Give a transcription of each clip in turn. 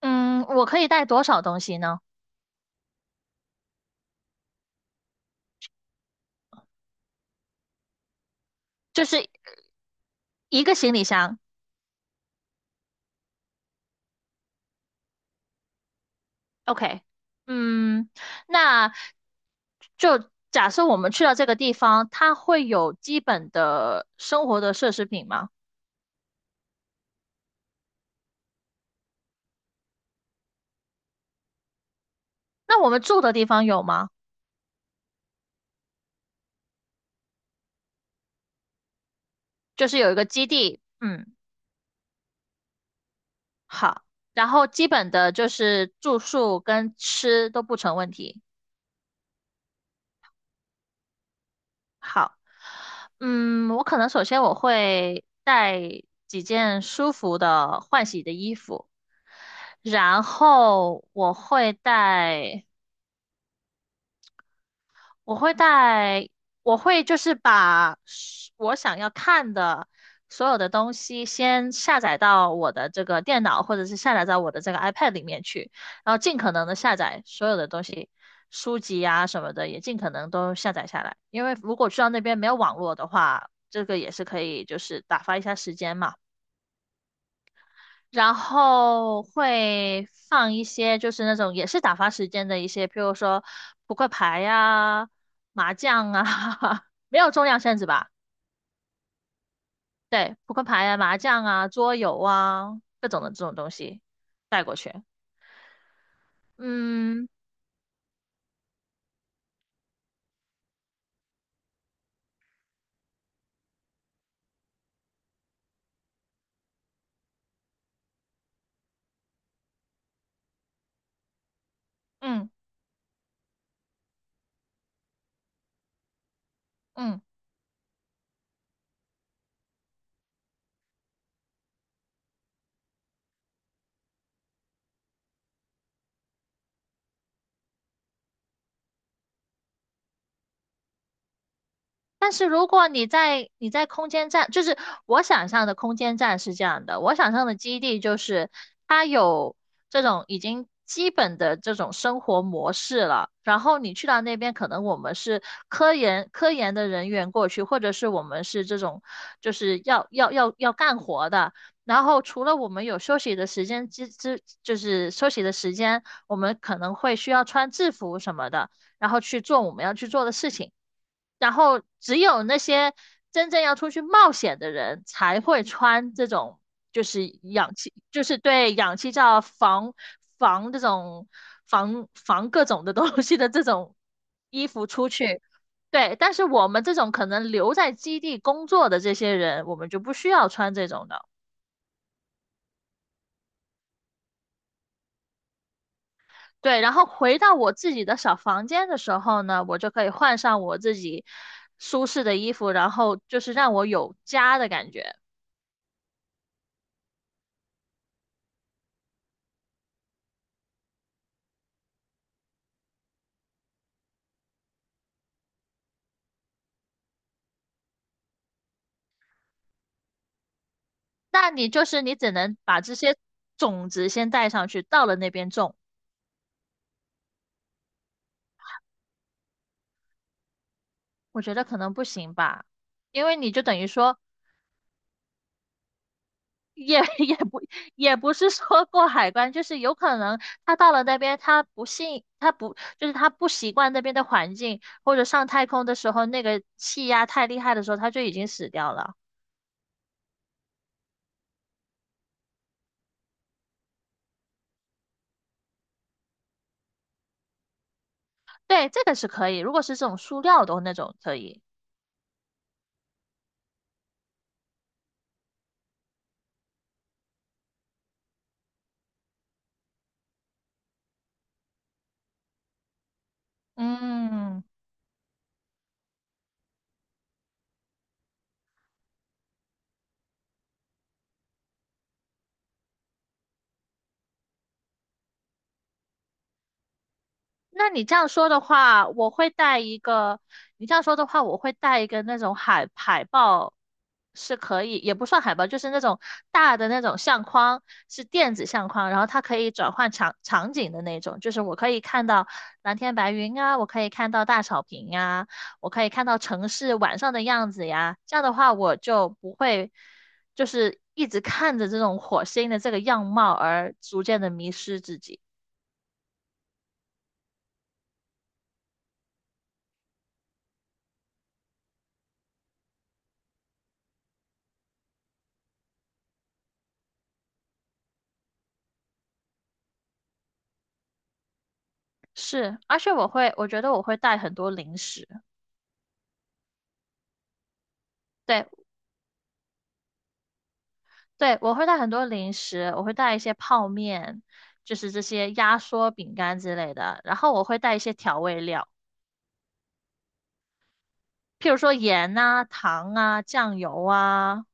嗯，我可以带多少东西呢？就是一个行李箱。OK，嗯，那就假设我们去到这个地方，它会有基本的生活的奢侈品吗？那我们住的地方有吗？就是有一个基地，嗯，好，然后基本的就是住宿跟吃都不成问题。好，嗯，我可能首先我会带几件舒服的换洗的衣服。然后我会带，我会就是我想要看的所有的东西先下载到我的这个电脑，或者是下载到我的这个 iPad 里面去，然后尽可能的下载所有的东西，书籍啊什么的也尽可能都下载下来，因为如果去到那边没有网络的话，这个也是可以就是打发一下时间嘛。然后会放一些就是那种也是打发时间的一些，譬如说扑克牌呀、麻将啊，没有重量限制吧？对，扑克牌啊、麻将啊、桌游啊各种的这种东西带过去。嗯嗯嗯。但是如果你在空间站，就是我想象的空间站是这样的，我想象的基地就是它有这种已经基本的这种生活模式了，然后你去到那边，可能我们是科研的人员过去，或者是我们是这种就是要干活的。然后除了我们有休息的时间之之，就是休息的时间，我们可能会需要穿制服什么的。然后去做我们要去做的事情。然后只有那些真正要出去冒险的人才会穿这种，就是氧气，就是对氧气罩防这种防各种的东西的这种衣服出去。对，但是我们这种可能留在基地工作的这些人，我们就不需要穿这种的。对，然后回到我自己的小房间的时候呢，我就可以换上我自己舒适的衣服，然后就是让我有家的感觉。那你就是你只能把这些种子先带上去，到了那边种，我觉得可能不行吧，因为你就等于说也 也不也不是说过海关，就是有可能他到了那边，他不信，他不就是他不习惯那边的环境，或者上太空的时候那个气压太厉害的时候，他就已经死掉了。对，这个是可以。如果是这种塑料的那种可以，嗯，那你这样说的话，我会带一个。你这样说的话，我会带一个那种海报，是可以，也不算海报，就是那种大的那种相框，是电子相框，然后它可以转换场景的那种，就是我可以看到蓝天白云啊，我可以看到大草坪呀，我可以看到城市晚上的样子呀。这样的话，我就不会就是一直看着这种火星的这个样貌而逐渐的迷失自己。是，而且我觉得我会带很多零食，对对，我会带很多零食，我会带一些泡面，就是这些压缩饼干之类的，然后我会带一些调味料，譬如说盐啊、糖啊、酱油啊、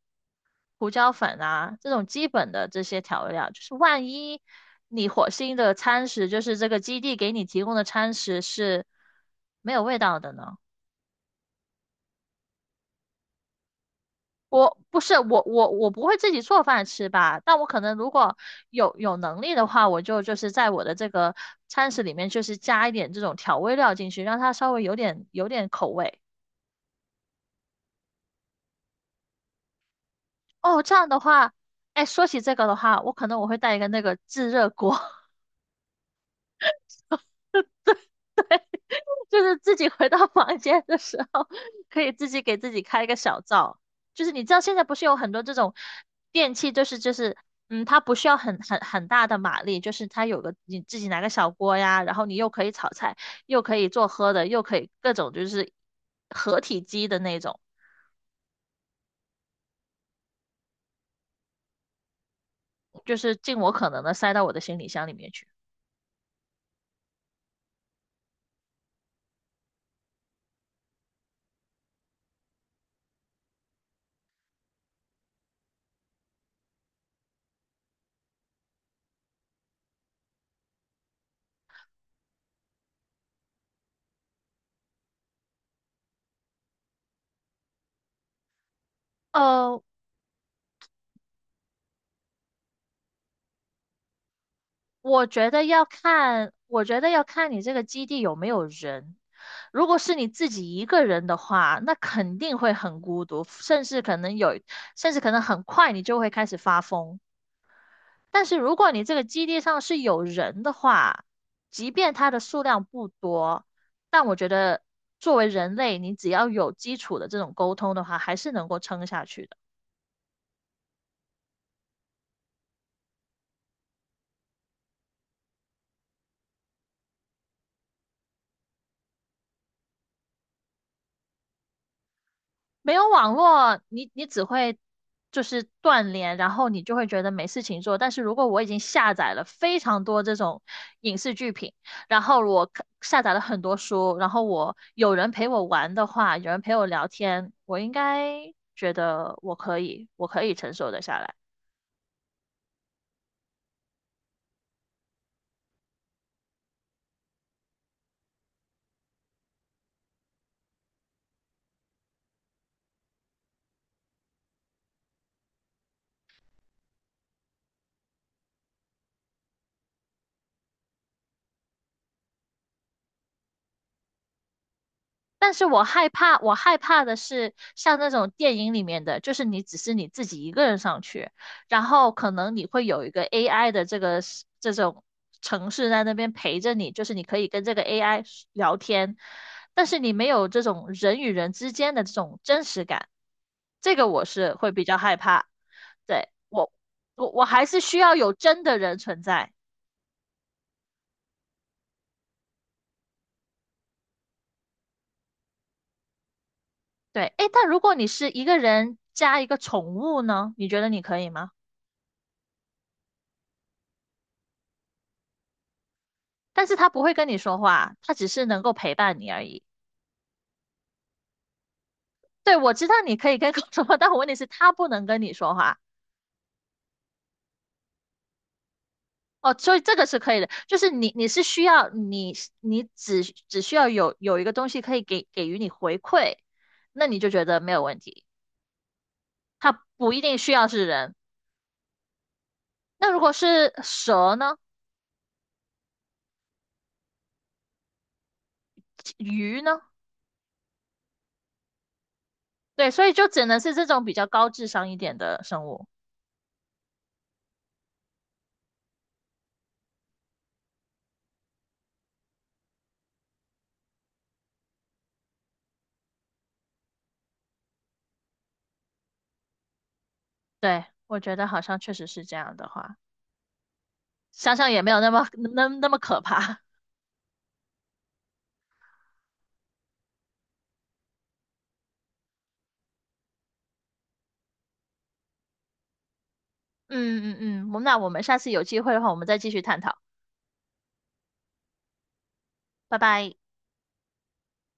胡椒粉啊这种基本的这些调味料，就是万一你火星的餐食，就是这个基地给你提供的餐食是没有味道的呢？我不是我我我不会自己做饭吃吧，但我可能如果有能力的话，就是在我的这个餐食里面，就是加一点这种调味料进去，让它稍微有点口味。哦，这样的话，哎，说起这个的话，我可能我会带一个那个自热锅。就是自己回到房间的时候，可以自己给自己开一个小灶。就是你知道现在不是有很多这种电器，就是嗯，它不需要很大的马力，就是它有个你自己拿个小锅呀，然后你又可以炒菜，又可以做喝的，又可以各种就是合体机的那种，就是尽我可能的塞到我的行李箱里面去。呃，我觉得要看你这个基地有没有人。如果是你自己一个人的话，那肯定会很孤独，甚至可能很快你就会开始发疯。但是如果你这个基地上是有人的话，即便它的数量不多，但我觉得作为人类，你只要有基础的这种沟通的话，还是能够撑下去的。没有网络，你只会就是断联，然后你就会觉得没事情做。但是如果我已经下载了非常多这种影视剧品，然后下载了很多书，然后我有人陪我玩的话，有人陪我聊天，我应该觉得我可以承受得下来。但是我害怕的是像那种电影里面的，就是你只是你自己一个人上去，然后可能你会有一个 AI 的这种城市在那边陪着你，就是你可以跟这个 AI 聊天，但是你没有这种人与人之间的这种真实感，这个我是会比较害怕。对，我，我还是需要有真的人存在。对，诶，但如果你是一个人加一个宠物呢，你觉得你可以吗？但是他不会跟你说话，他只是能够陪伴你而已。对，我知道你可以跟狗说话，但我问题是他不能跟你说话。哦，所以这个是可以的，就是你只需要有一个东西可以给予你回馈，那你就觉得没有问题。它不一定需要是人。那如果是蛇呢？鱼呢？对，所以就只能是这种比较高智商一点的生物。对，我觉得好像确实是这样的话，想想也没有那么那么可怕。嗯嗯嗯，嗯我们下次有机会的话，我们再继续探讨，拜拜。